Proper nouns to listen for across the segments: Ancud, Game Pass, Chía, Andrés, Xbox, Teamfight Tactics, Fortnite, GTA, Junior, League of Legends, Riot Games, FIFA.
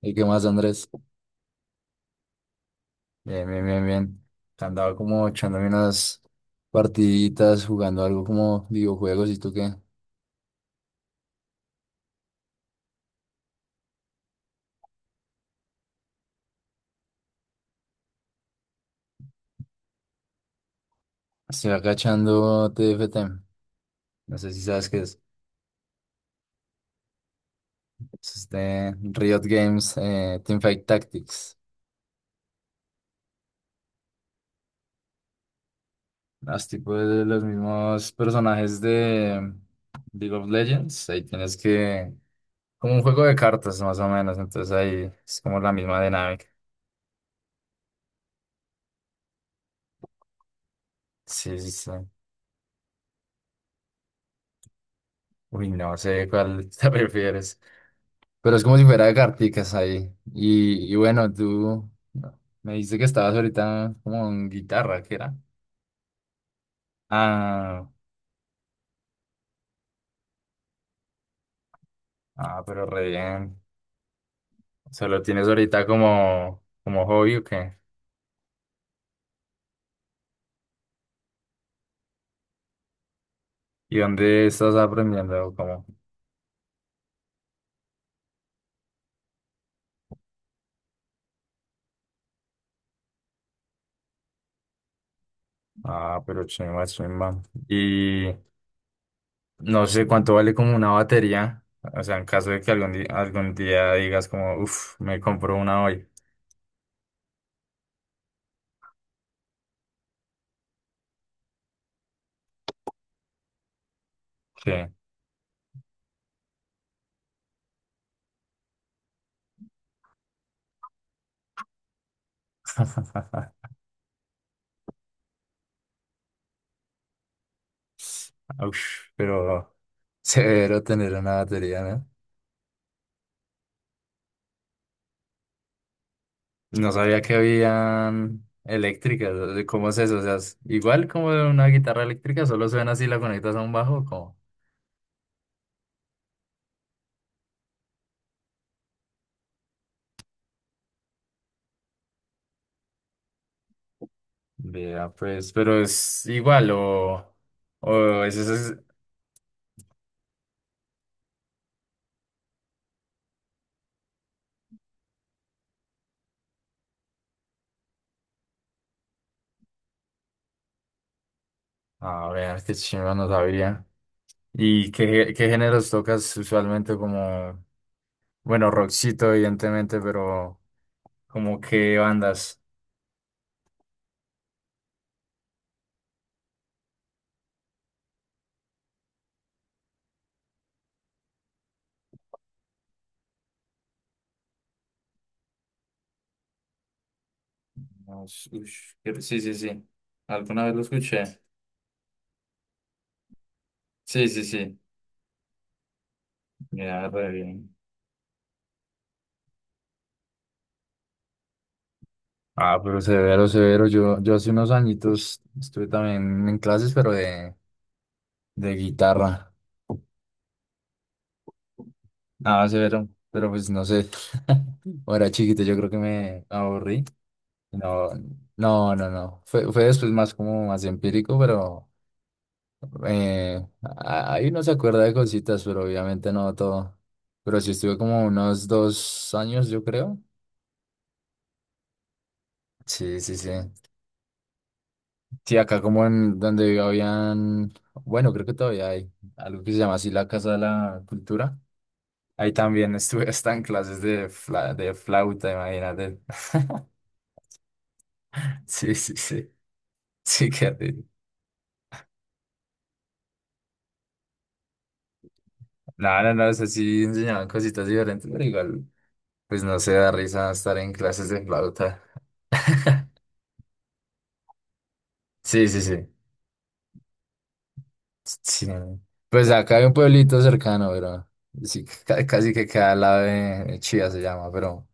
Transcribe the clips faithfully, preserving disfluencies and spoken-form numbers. ¿Y qué más, Andrés? Bien, bien, bien, bien. Andaba como echándome unas partiditas, jugando algo como videojuegos. ¿Y tú qué? Estoy acá echando T F T. No sé si sabes qué es. Es este Riot Games eh, Teamfight Tactics. Los tipos de los mismos personajes de League of Legends. Ahí tienes que... Como un juego de cartas, más o menos. Entonces ahí es como la misma dinámica. Sí, sí, sí. Uy, no sé cuál te prefieres. Pero es como si fuera de carticas ahí. Y, y bueno, tú me dijiste que estabas ahorita como en guitarra, ¿qué era? Ah, ah, pero re bien. ¿Solo tienes ahorita como, como hobby o qué? ¿Y dónde estás aprendiendo? Como, ah, pero chimba, chimba. Y no sé cuánto vale como una batería. O sea, en caso de que algún día, algún día digas como, uff, me compro una hoy. Sí. Ush, pero severo tener una batería, ¿no? No sabía que habían eléctricas. O sea, ¿cómo es eso? O sea, es igual como de una guitarra eléctrica, solo suena así, la conectas a un bajo, como. Vea, pues, pero es igual, o. O es Es... A ver, qué chimba, no sabía. ¿Y qué, qué géneros tocas usualmente? Como. Bueno, rockcito, evidentemente, pero. ¿Como qué bandas? No, ush, ush, pero sí, sí, sí. Alguna vez lo escuché. Sí, sí, sí. Mira, re bien. Ah, pero severo, severo. Yo, yo hace unos añitos estuve también en clases, pero de, de guitarra. Ah, severo. Pero pues no sé. Cuando era chiquito, yo creo que me aburrí. No, no, no, no. Fue, fue después más como más empírico, pero eh, a- ahí uno se acuerda de cositas, pero obviamente no todo. Pero sí estuve como unos dos años, yo creo. Sí, sí, sí. Sí, acá como en donde habían, bueno, creo que todavía hay algo que se llama así la Casa de la Cultura. Ahí también estuve hasta en clases de, fla- de flauta, imagínate. Sí, sí, sí. Sí, qué rico. No, no, no, o sea, sí enseñaban cositas diferentes, pero igual, pues no se da risa estar en clases de flauta. Sí, sí, sí. Sí. Pues acá hay un pueblito cercano, pero sí, ca- casi que queda al lado de de Chía se llama, pero.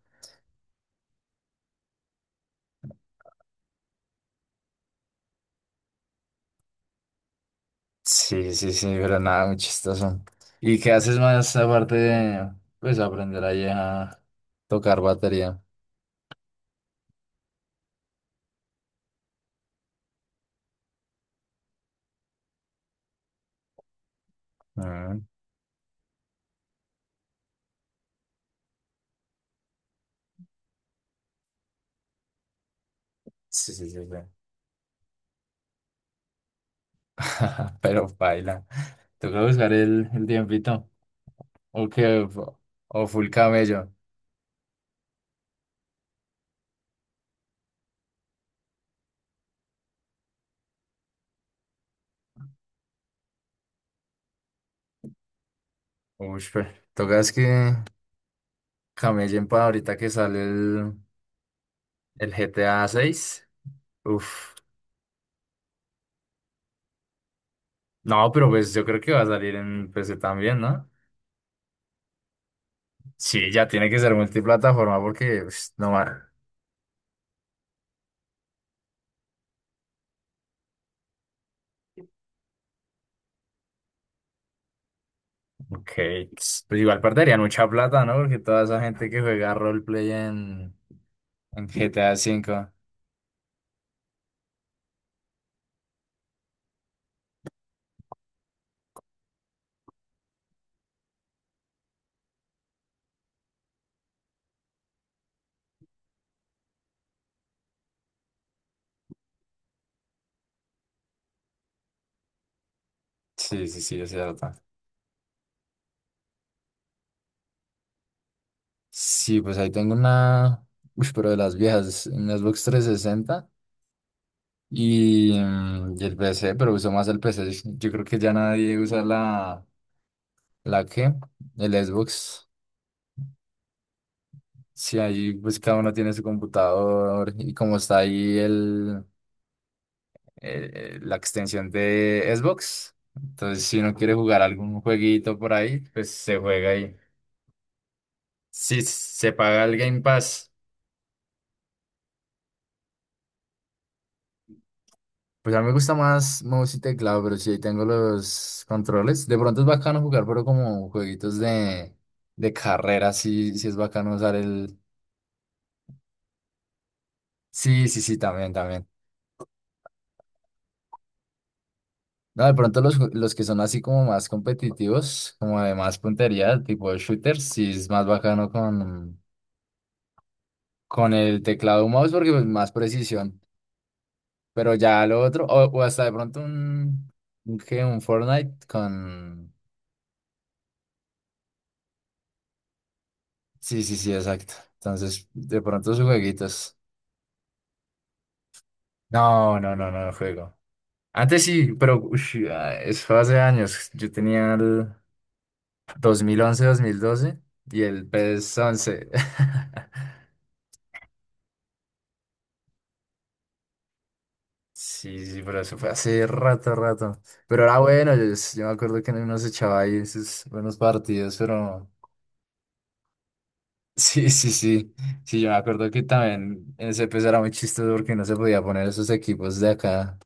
Sí, sí, sí, pero nada, muy chistoso. ¿Y qué haces más aparte de, pues, aprender ahí a tocar batería? Mm, sí, sí, sí, sí. Pero baila. Toca buscar el, el tiempito. O que, o full camello. Uy, pues, tocas que camellen para ahorita que sale el, el G T A seis. Uf. No, pero pues yo creo que va a salir en P C también, ¿no? Sí, ya tiene que ser multiplataforma porque pues, no más. Ok, pues igual perderían mucha plata, ¿no? Porque toda esa gente que juega roleplay en, en G T A uve. Sí, sí, sí, es cierto. Sí, pues ahí tengo una. Uy, pero de las viejas, un Xbox trescientos sesenta y, mm, y el P C, pero uso más el P C. Yo creo que ya nadie usa la. ¿La qué? El Xbox. Sí, ahí pues cada uno tiene su computador y como está ahí el. eh, eh, la extensión de Xbox. Entonces, si uno quiere jugar algún jueguito por ahí, pues se juega ahí. Si se paga el Game Pass, pues a mí me gusta más mouse y teclado, pero si ahí tengo los controles, de pronto es bacano jugar, pero como jueguitos de, de carrera, sí, sí es bacano usar el... Sí, sí, sí, también, también. No, de pronto los, ju- los que son así como más competitivos, como de más puntería, tipo de shooters, sí es más bacano con, con el teclado o mouse porque pues, más precisión. Pero ya lo otro, o, o hasta de pronto un, un, ¿qué? Un Fortnite con... Sí, sí, sí, exacto. Entonces, de pronto sus jueguitos. No, no, no, no juego. Antes sí, pero ush, ah, eso fue hace años. Yo tenía el dos dos mil once dos mil doce y el P S once Sí, sí, pero eso fue hace rato, rato. Pero era bueno, yo, yo me acuerdo que uno se echaba ahí sus buenos partidos, pero... Sí, sí, sí. Sí, yo me acuerdo que también en ese pez era muy chistoso porque no se podía poner esos equipos de acá.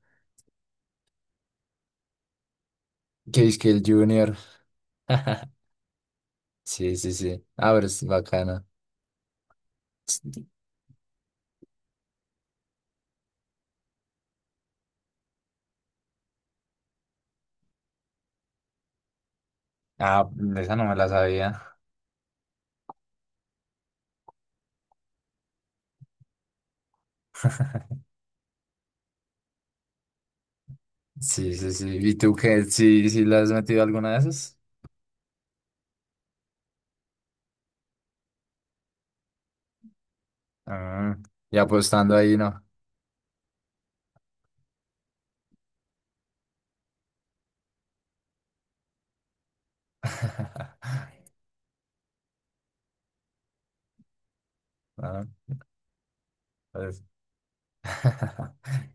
Que es que el Junior. Sí, sí, sí. Ah, pero es bacana. Ah, esa no me la sabía. Sí, sí, sí. ¿Y tú qué? ¿Sí, sí le has metido alguna de esas? Ah, y apostando ahí, ¿no? Ah, pues.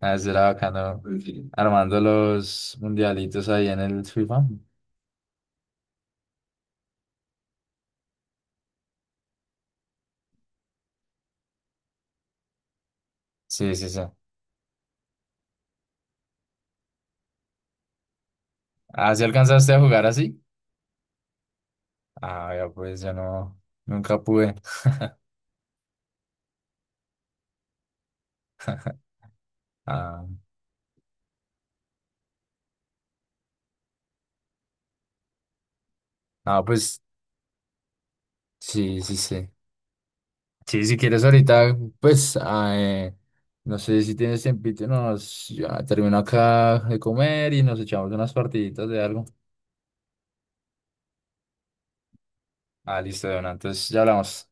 Ah, eso era bacano. Armando los mundialitos ahí en el FIFA. Sí, sí, sí. ¿Ah, sí alcanzaste a jugar así? Ah, ya pues yo no, nunca pude. Ah, ah, pues sí, sí, sí. Sí, si quieres ahorita, pues, ah, eh, no sé si tienes tiempito, nos, ya termino acá de comer y nos echamos unas partiditas de algo. Ah, listo, bueno, entonces ya hablamos.